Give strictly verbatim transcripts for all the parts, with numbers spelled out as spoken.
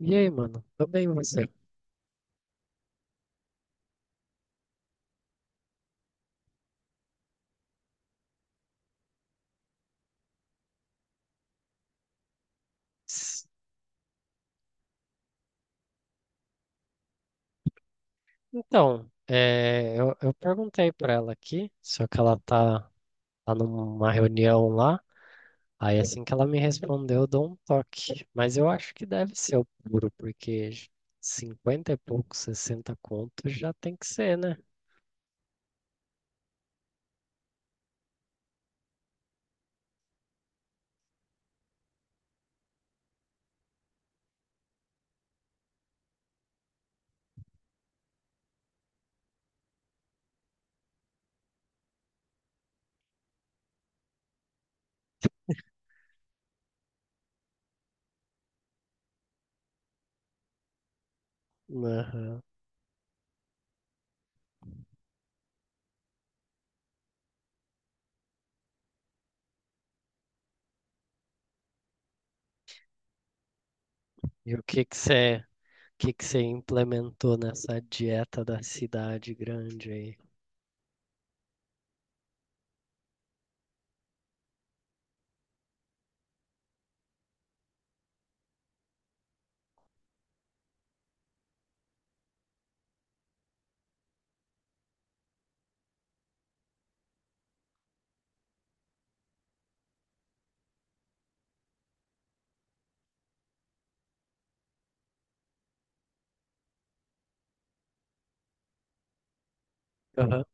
E aí, mano? Tô bem, você? S- Então, é, eu, eu perguntei pra ela aqui, só que ela tá, tá numa reunião lá. Aí assim que ela me respondeu, eu dou um toque. Mas eu acho que deve ser o puro, porque j- cinquenta e pouco, sessenta contos já tem que ser, né? Aham. E o que que você, o que que você implementou nessa dieta da cidade grande aí? Aham.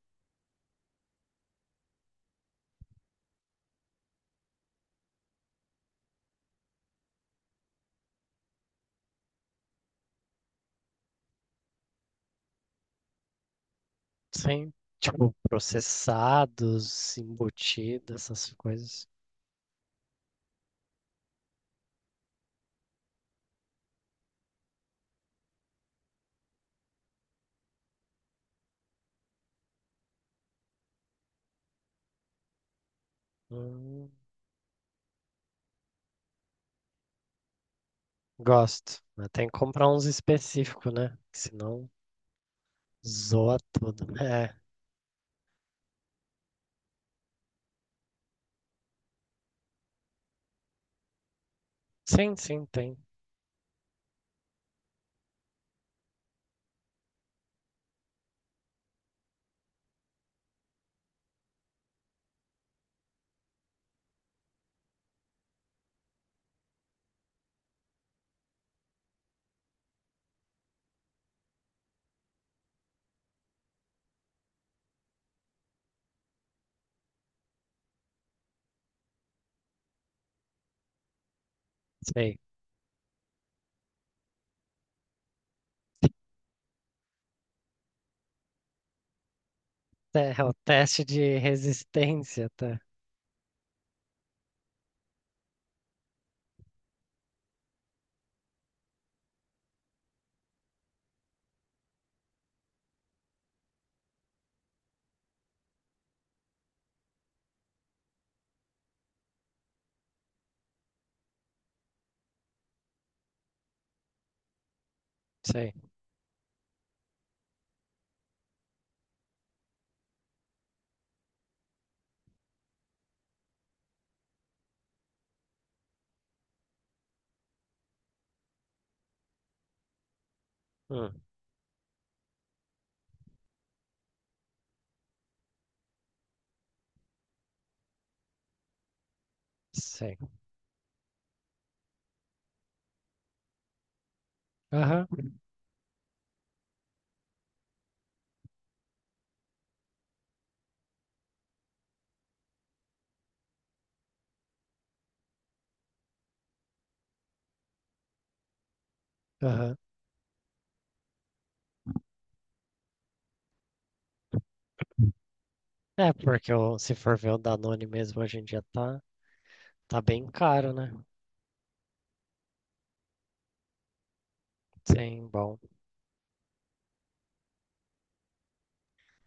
Sim, tipo processados, embutidos, essas coisas. Hum, gosto. Mas tem que comprar uns específicos, né? Que senão zoa tudo. É. Sim, sim, tem. Sei. É, é o teste de resistência, tá? Sei. Hum, sei. Aham, aham. É, porque o- se for ver o Danone mesmo hoje em dia tá, tá bem caro, né? Sim, bom.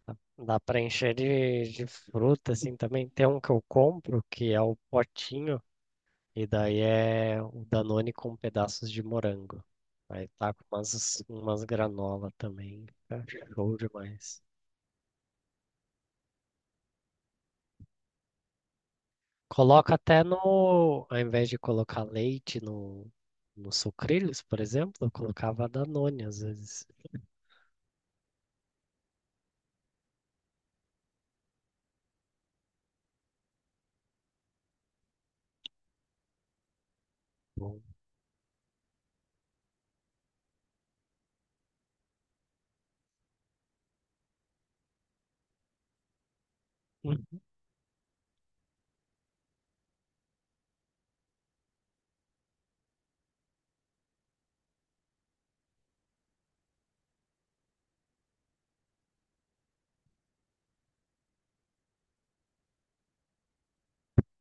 Dá dá pra encher de, de fruta, assim, também. Tem um que eu compro, que é o potinho. E daí é o Danone com pedaços de morango. Aí tá com umas, umas granola também. Fica show demais. Coloca até no. Ao invés de colocar leite no, no sucrilhos, por exemplo, eu colocava Danone às vezes. Bom. Uhum.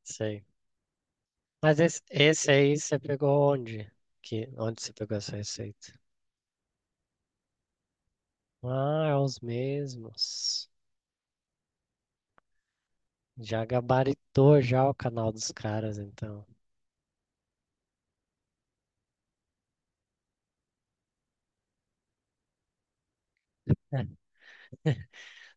Sei. Mas esse, esse aí você pegou onde? Que, onde você pegou essa receita? Ah, é os mesmos. Já gabaritou já o canal dos caras, então.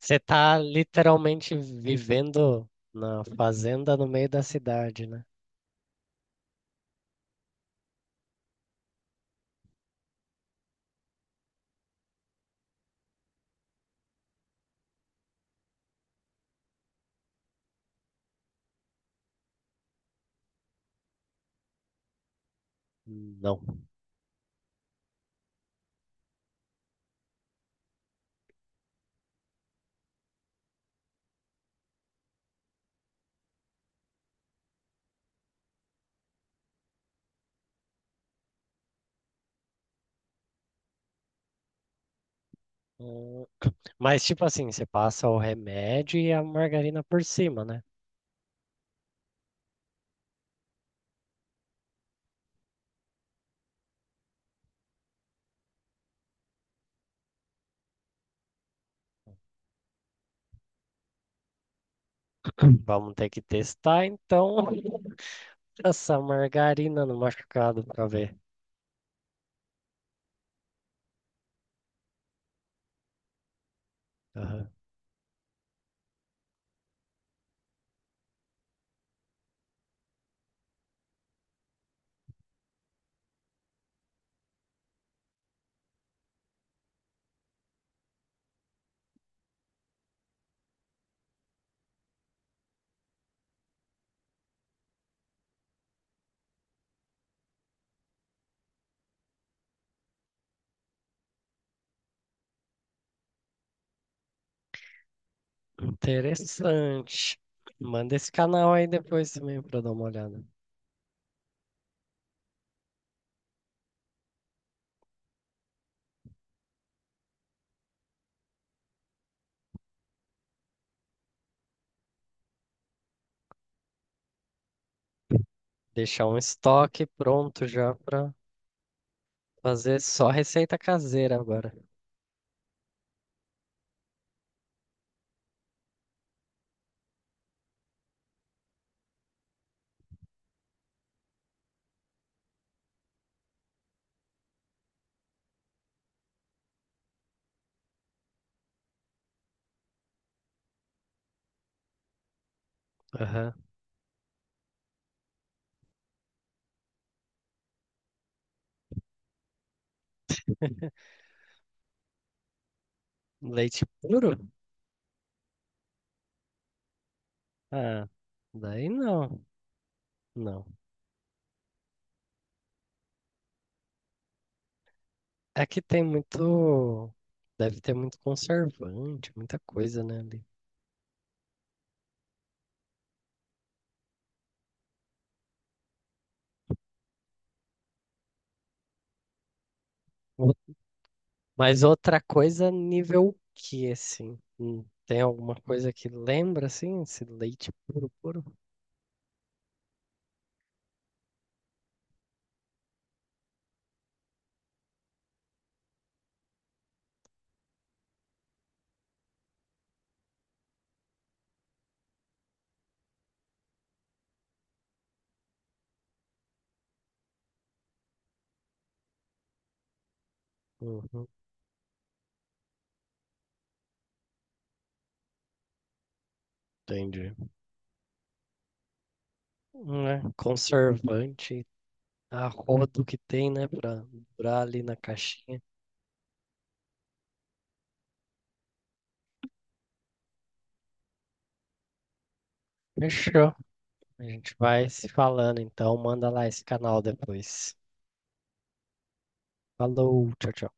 Você tá literalmente vivendo na fazenda no meio da cidade, né? Não. Hum, mas, tipo assim, você passa o remédio e a margarina por cima, né? Vamos ter que testar, então, essa margarina no machucado pra ver. Aham. Interessante. Manda esse canal aí depois também pra eu dar uma olhada. Deixar um estoque pronto já pra fazer só receita caseira agora. Aham. Leite puro? É, daí não, não. É que tem muito, deve ter muito conservante, muita coisa, né, ali. O- Mas outra coisa, nível que, assim, hum, tem alguma coisa que lembra, assim, esse leite puro, puro? Uhum, entendi. Hum, é, conservante, a rodo que tem, né, pra durar ali na caixinha. Fechou. A gente vai se falando, então manda lá esse canal depois. Falou, tchau, tchau.